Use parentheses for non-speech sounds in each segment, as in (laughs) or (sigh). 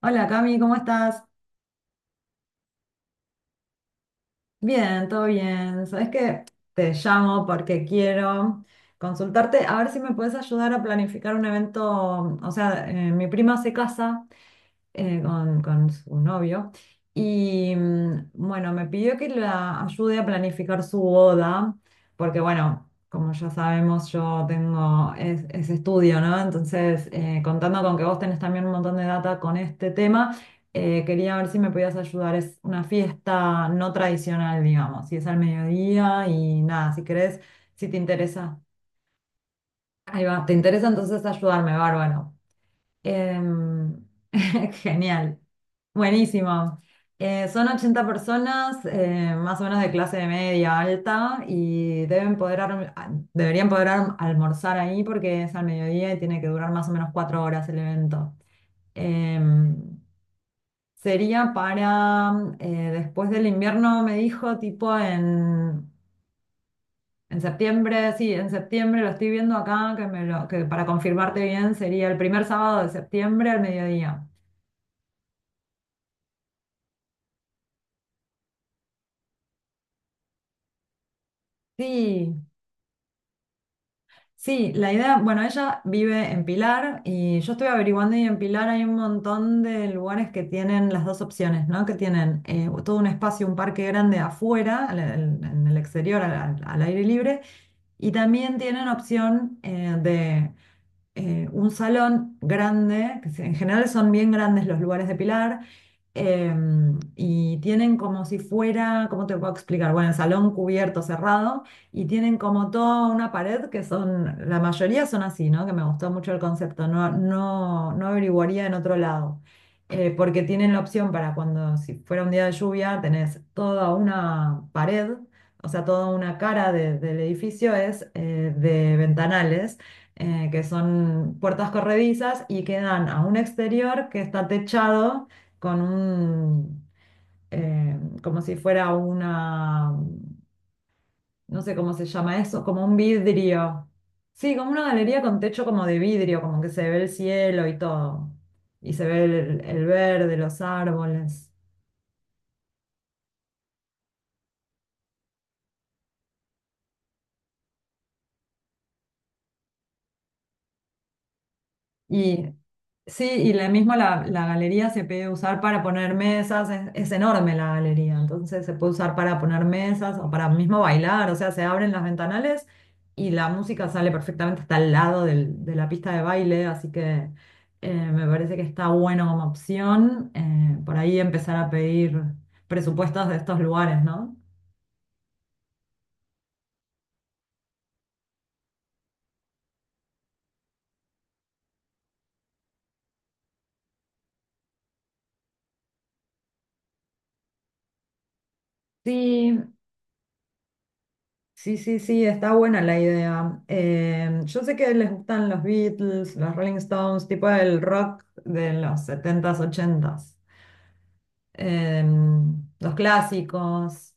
Hola Cami, ¿cómo estás? Bien, todo bien. Sabes que te llamo porque quiero consultarte a ver si me puedes ayudar a planificar un evento. O sea, mi prima se casa con su novio. Y bueno, me pidió que la ayude a planificar su boda, porque bueno, como ya sabemos, yo tengo ese estudio, ¿no? Entonces, contando con que vos tenés también un montón de data con este tema, quería ver si me podías ayudar. Es una fiesta no tradicional, digamos, y es al mediodía y nada, si querés, si te interesa. Ahí va, ¿te interesa entonces ayudarme, Bárbaro? Em, (laughs) Genial, buenísimo. Son 80 personas, más o menos de clase media alta, y deben poder almorzar ahí porque es al mediodía y tiene que durar más o menos 4 horas el evento. Em, Sería para después del invierno, me dijo, tipo en septiembre, sí, en septiembre, lo estoy viendo acá, que para confirmarte bien sería el primer sábado de septiembre al mediodía. Sí, sí, la idea, bueno, ella vive en Pilar y yo estoy averiguando y en Pilar hay un montón de lugares que tienen las dos opciones, ¿no? Que tienen todo un espacio, un parque grande afuera, en el exterior, al aire libre, y también tienen opción un salón grande, en general son bien grandes los lugares de Pilar, y tienen como si fuera, ¿cómo te puedo explicar? Bueno, el salón cubierto, cerrado, y tienen como toda una pared que son, la mayoría son así, ¿no? Que me gustó mucho el concepto, no, no, no averiguaría en otro lado. Porque tienen la opción para cuando, si fuera un día de lluvia, tenés toda una pared, o sea, toda una cara del edificio es de ventanales que son puertas corredizas y que dan a un exterior que está techado con un, como si fuera una, no sé cómo se llama eso, como un vidrio. Sí, como una galería con techo como de vidrio, como que se ve el cielo y todo. Y se ve el verde, los árboles. Y sí, y la galería se puede usar para poner mesas, es enorme la galería, entonces se puede usar para poner mesas o para mismo bailar, o sea, se abren las ventanales y la música sale perfectamente hasta el lado de la pista de baile, así que me parece que está bueno como opción por ahí empezar a pedir presupuestos de estos lugares, ¿no? Sí, sí, sí, sí, está buena la idea. Yo sé que les gustan los Beatles, los Rolling Stones, tipo el rock de los setentas ochentas, eh, los clásicos.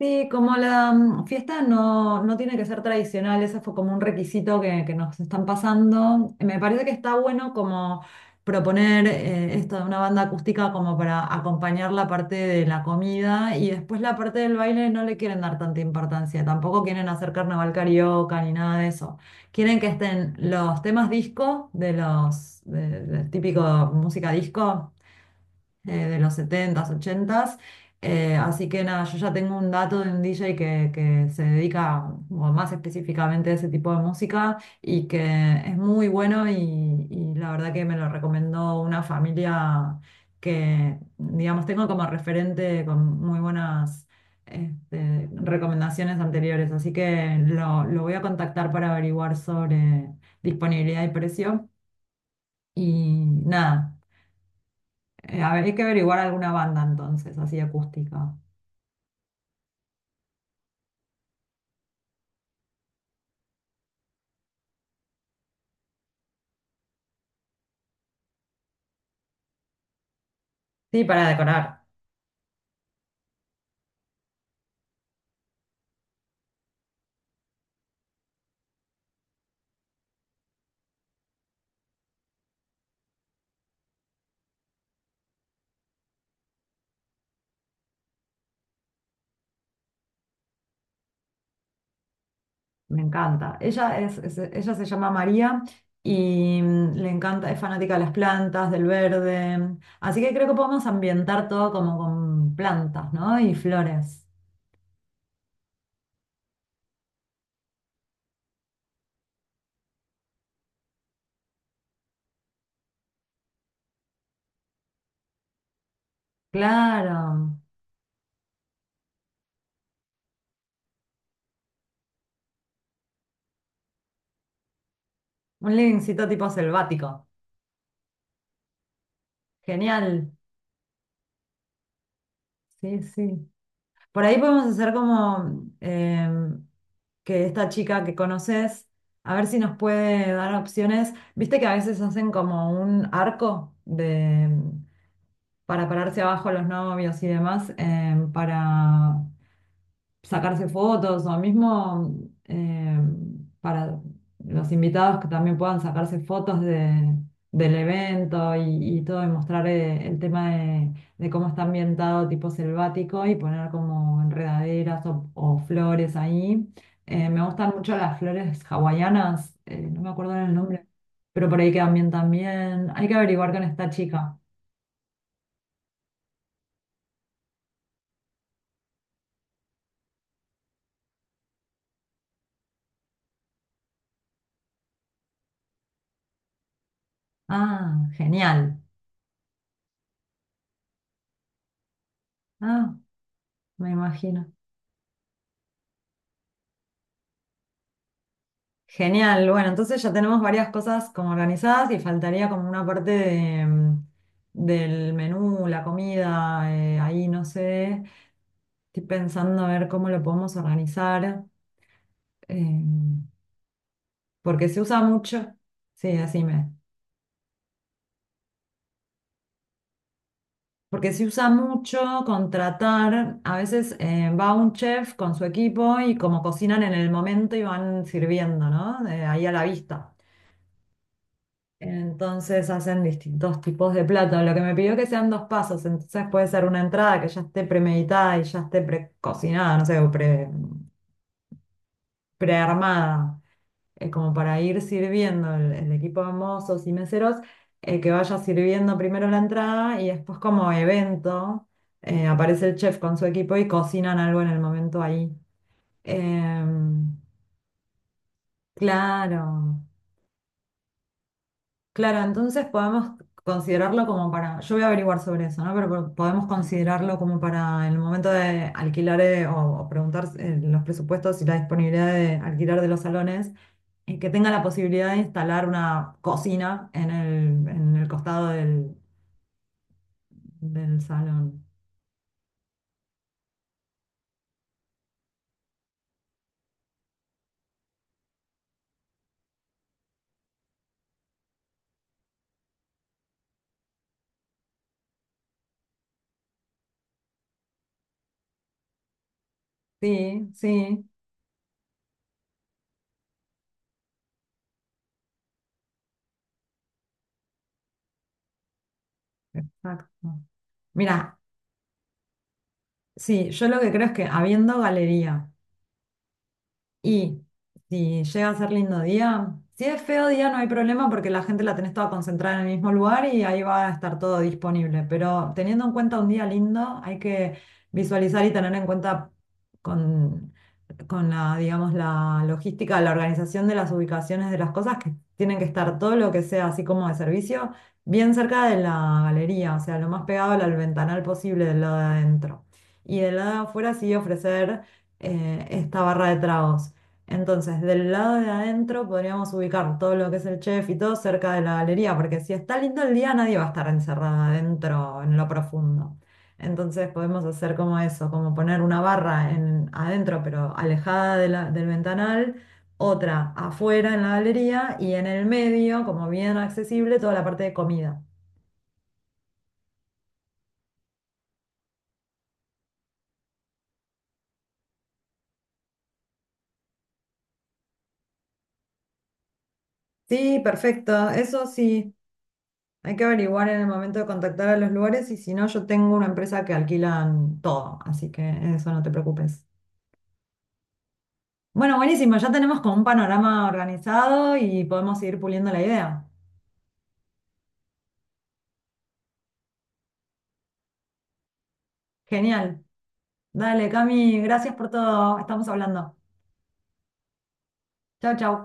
Sí, como la fiesta no tiene que ser tradicional, ese fue como un requisito que nos están pasando. Me parece que está bueno como proponer esto de una banda acústica como para acompañar la parte de la comida y después la parte del baile no le quieren dar tanta importancia, tampoco quieren hacer carnaval carioca ni nada de eso. Quieren que estén los temas disco de los de típico música disco de los setentas ochentas. Así que nada, yo ya tengo un dato de un DJ que se dedica como más específicamente a ese tipo de música y que es muy bueno y la verdad que me lo recomendó una familia que, digamos, tengo como referente con muy buenas recomendaciones anteriores. Así que lo voy a contactar para averiguar sobre disponibilidad y precio. Y nada. A ver, hay que averiguar alguna banda entonces, así acústica. Sí, para decorar. Me encanta. Ella ella se llama María y le encanta, es fanática de las plantas, del verde. Así que creo que podemos ambientar todo como con plantas, ¿no? Y flores. Claro. Un livingcito tipo selvático. Genial. Sí, sí. Por ahí podemos hacer como que esta chica que conoces, a ver si nos puede dar opciones. Viste que a veces hacen como un arco de, para pararse abajo los novios y demás, para sacarse fotos o mismo eh, para los invitados que también puedan sacarse fotos del evento y todo, y mostrar el tema de cómo está ambientado tipo selvático y poner como enredaderas o flores ahí. Me gustan mucho las flores hawaianas, no me acuerdo el nombre, pero por ahí quedan bien también. Hay que averiguar con esta chica. Ah, genial. Ah, me imagino. Genial, bueno, entonces ya tenemos varias cosas como organizadas y faltaría como una parte del menú, la comida, ahí no sé, estoy pensando a ver cómo lo podemos organizar, eh, porque se usa mucho, sí, decime, porque se usa mucho contratar, a veces va un chef con su equipo y como cocinan en el momento y van sirviendo, ¿no? Ahí a la vista. Entonces hacen distintos tipos de platos. Lo que me pidió que sean dos pasos, entonces puede ser una entrada que ya esté premeditada y ya esté precocinada, no sé, o prearmada, como para ir sirviendo el equipo de mozos y meseros, que vaya sirviendo primero la entrada y después como evento aparece el chef con su equipo y cocinan algo en el momento ahí. Em, claro. Claro, entonces podemos considerarlo como para, yo voy a averiguar sobre eso, ¿no? Pero podemos considerarlo como para el momento de alquilar o preguntar los presupuestos y la disponibilidad de alquilar de los salones, que tenga la posibilidad de instalar una cocina en el costado del salón. Sí, sí, exacto. Mira, sí, yo lo que creo es que habiendo galería. Y si llega a ser lindo día, si es feo día no hay problema porque la gente la tenés toda concentrada en el mismo lugar y ahí va a estar todo disponible. Pero teniendo en cuenta un día lindo, hay que visualizar y tener en cuenta con, con la, digamos, la logística, la organización de las ubicaciones de las cosas que tienen que estar todo lo que sea así como de servicio, bien cerca de la galería, o sea, lo más pegado al ventanal posible del lado de adentro. Y del lado de afuera sí ofrecer esta barra de tragos. Entonces, del lado de adentro podríamos ubicar todo lo que es el chef y todo cerca de la galería, porque si está lindo el día, nadie va a estar encerrado adentro en lo profundo. Entonces podemos hacer como eso, como poner una barra en, adentro, pero alejada del ventanal, otra afuera en la galería y en el medio, como bien accesible, toda la parte de comida. Sí, perfecto. Eso sí, hay que averiguar en el momento de contactar a los lugares y si no, yo tengo una empresa que alquilan todo, así que eso no te preocupes. Bueno, buenísimo, ya tenemos como un panorama organizado y podemos seguir puliendo la idea. Genial. Dale, Cami, gracias por todo. Estamos hablando. Chau, chau.